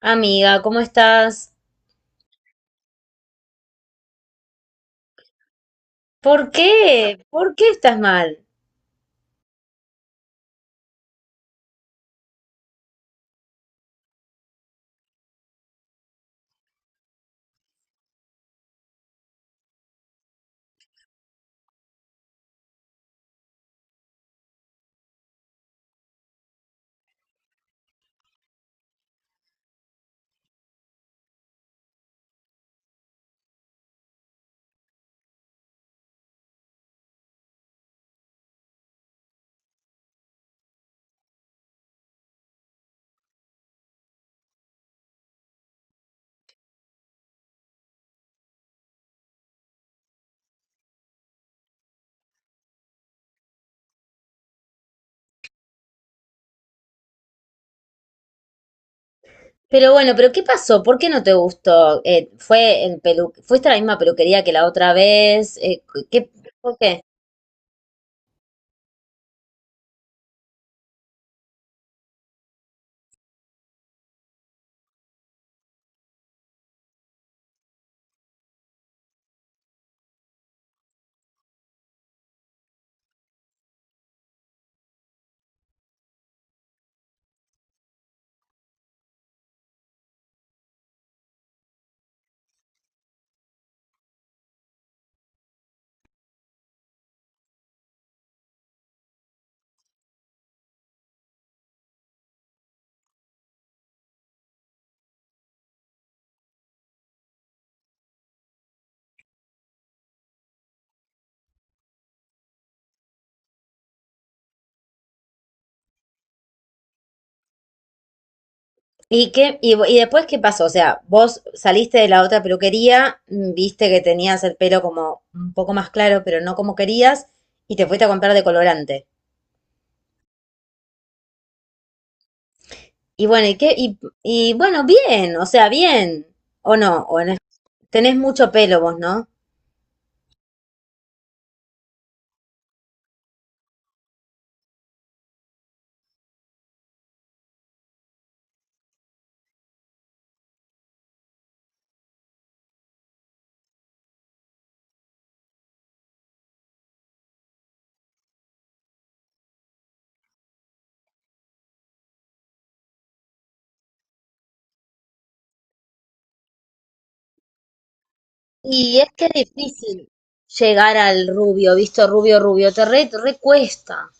Amiga, ¿cómo estás? ¿Por qué? ¿Por qué estás mal? Pero bueno, ¿pero qué pasó? ¿Por qué no te gustó? ¿Fue el pelu fuiste a la misma peluquería que la otra vez? ¿Qué, por qué? ¿Y qué, y después qué pasó? O sea, vos saliste de la otra peluquería, mm, viste que tenías el pelo como un poco más claro, pero no como querías, y te fuiste a comprar decolorante. Y bueno, ¿y qué? Y bueno, bien, o sea, bien. ¿O no? ¿O no? Tenés mucho pelo vos, ¿no? Y es que es difícil llegar al rubio, visto rubio, rubio, te re cuesta.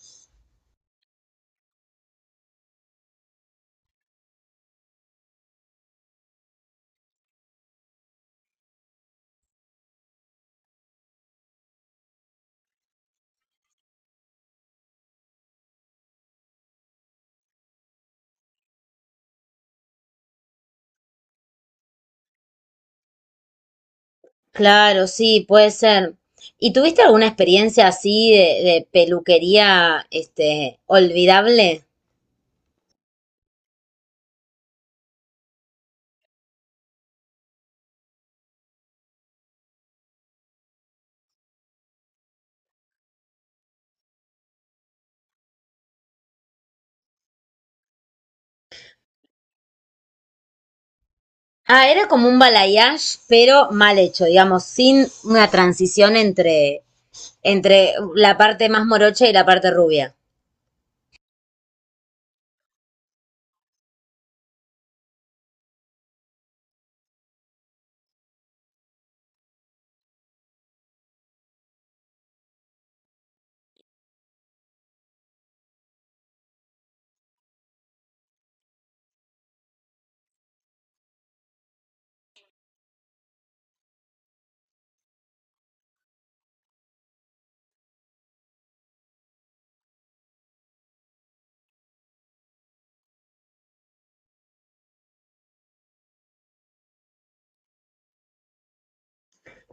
Claro, sí, puede ser. ¿Y tuviste alguna experiencia así de peluquería, este, olvidable? Ah, era como un balayage, pero mal hecho, digamos, sin una transición entre, entre la parte más morocha y la parte rubia.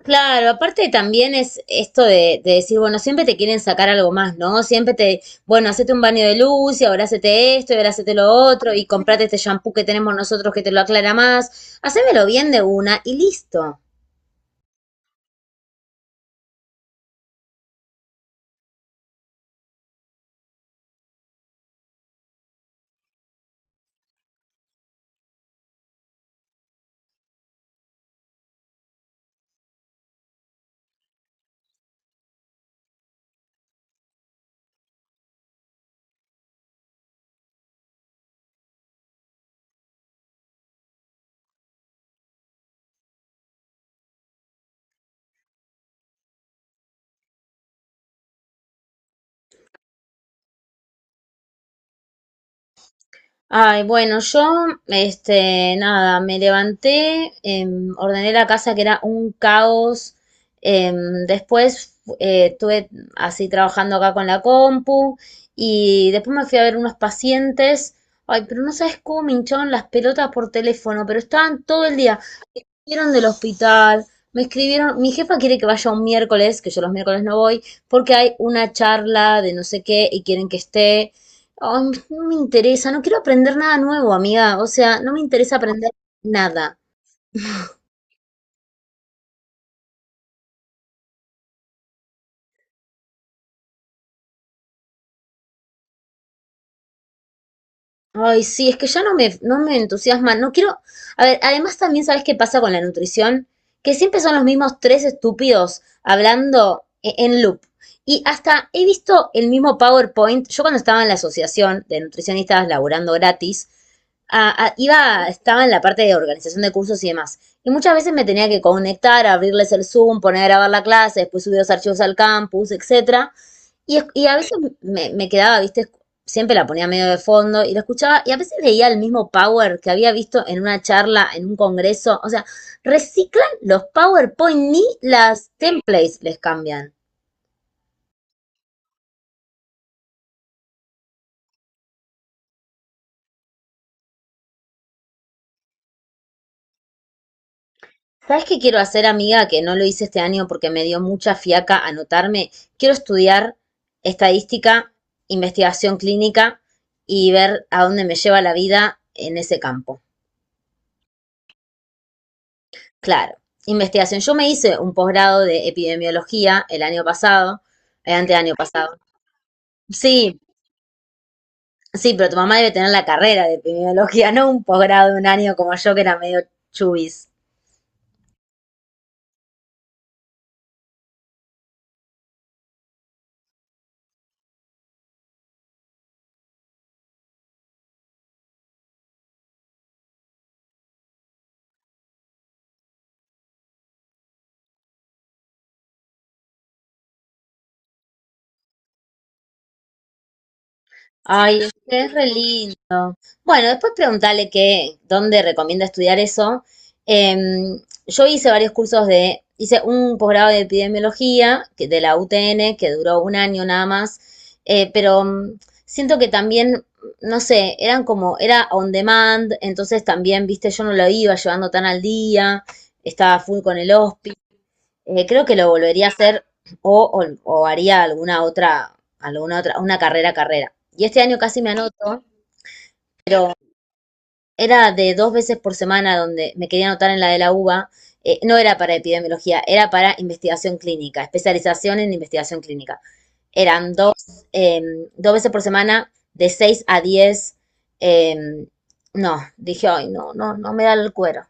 Claro, aparte también es esto de decir, bueno, siempre te quieren sacar algo más, ¿no? Siempre te, bueno, hacete un baño de luz y ahora hacete esto y ahora hacete lo otro y comprate este shampoo que tenemos nosotros que te lo aclara más. Hacémelo bien de una y listo. Ay, bueno, yo, este, nada, me levanté, ordené la casa que era un caos. Después estuve así trabajando acá con la compu y después me fui a ver unos pacientes. Ay, pero no sabes cómo me hinchaban las pelotas por teléfono, pero estaban todo el día. Vieron del hospital, me escribieron, mi jefa quiere que vaya un miércoles, que yo los miércoles no voy, porque hay una charla de no sé qué y quieren que esté. Ay, no me interesa, no quiero aprender nada nuevo, amiga. O sea, no me interesa aprender nada. Ay, sí, es que ya no me, no me entusiasma, no quiero... A ver, además también sabes qué pasa con la nutrición, que siempre son los mismos tres estúpidos hablando en loop. Y hasta he visto el mismo PowerPoint, yo cuando estaba en la asociación de nutricionistas laburando gratis, iba, estaba en la parte de organización de cursos y demás. Y muchas veces me tenía que conectar, abrirles el Zoom, poner a grabar la clase, después subir los archivos al campus, etcétera. Y, y a veces me, me quedaba, viste, siempre la ponía medio de fondo y la escuchaba, y a veces veía el mismo power que había visto en una charla, en un congreso. O sea, reciclan los PowerPoint, ni las templates les cambian. ¿Sabes qué quiero hacer, amiga? Que no lo hice este año porque me dio mucha fiaca anotarme. Quiero estudiar estadística, investigación clínica y ver a dónde me lleva la vida en ese campo. Claro, investigación. Yo me hice un posgrado de epidemiología el año pasado, el anteaño pasado. Sí, sí, pero tu mamá debe tener la carrera de epidemiología, no un posgrado de un año como yo que era medio chubis. Ay, es que es re lindo. Bueno, después preguntarle qué, dónde recomienda estudiar eso. Em, yo hice varios cursos de, hice un posgrado de epidemiología de la UTN que duró un año nada más, eh, pero mm, siento que también, no sé, eran como, era on demand, entonces también, viste, yo no lo iba llevando tan al día, estaba full con el hospital. Creo que lo volvería a hacer o, o- o haría alguna otra, una carrera, carrera. Y este año casi me anoto. Era de dos veces por semana donde me quería anotar en la de la UBA. No era para epidemiología, era para investigación clínica, especialización en investigación clínica. Eran dos, eh, dos veces por semana de 6 a 10. eh, no, dije, ay, no, no, no me da el cuero.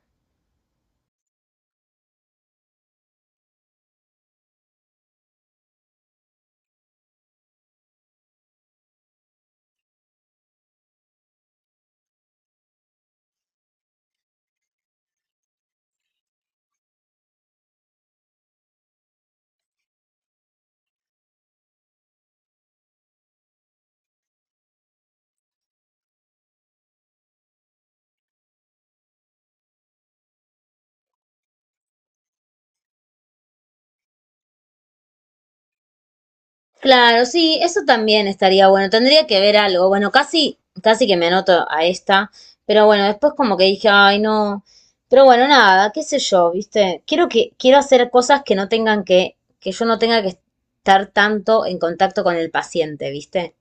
Claro, sí, eso también estaría bueno. Tendría que ver algo. Bueno, casi, casi que me anoto a esta, pero bueno, después como que dije, ay, no. Pero bueno, nada, qué sé yo, ¿viste? Quiero que, quiero hacer cosas que no tengan que yo no tenga que estar tanto en contacto con el paciente, ¿viste?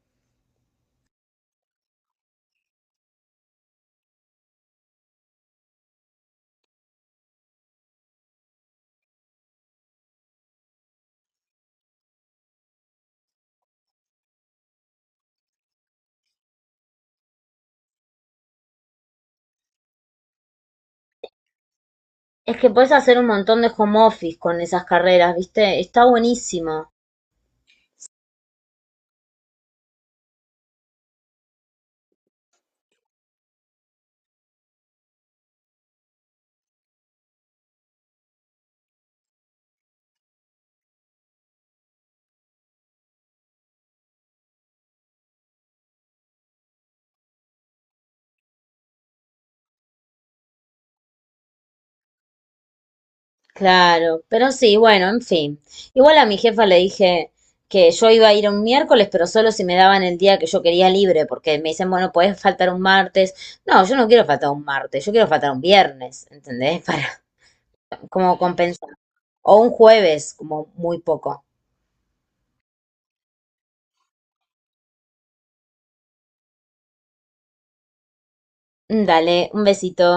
Es que puedes hacer un montón de home office con esas carreras, ¿viste? Está buenísimo. Claro, pero sí, bueno, en fin. Igual a mi jefa le dije que yo iba a ir un miércoles, pero solo si me daban el día que yo quería libre, porque me dicen, bueno, podés faltar un martes. No, yo no quiero faltar un martes, yo quiero faltar un viernes, ¿entendés? Para como compensar. O un jueves, como muy poco. Dale, un besito.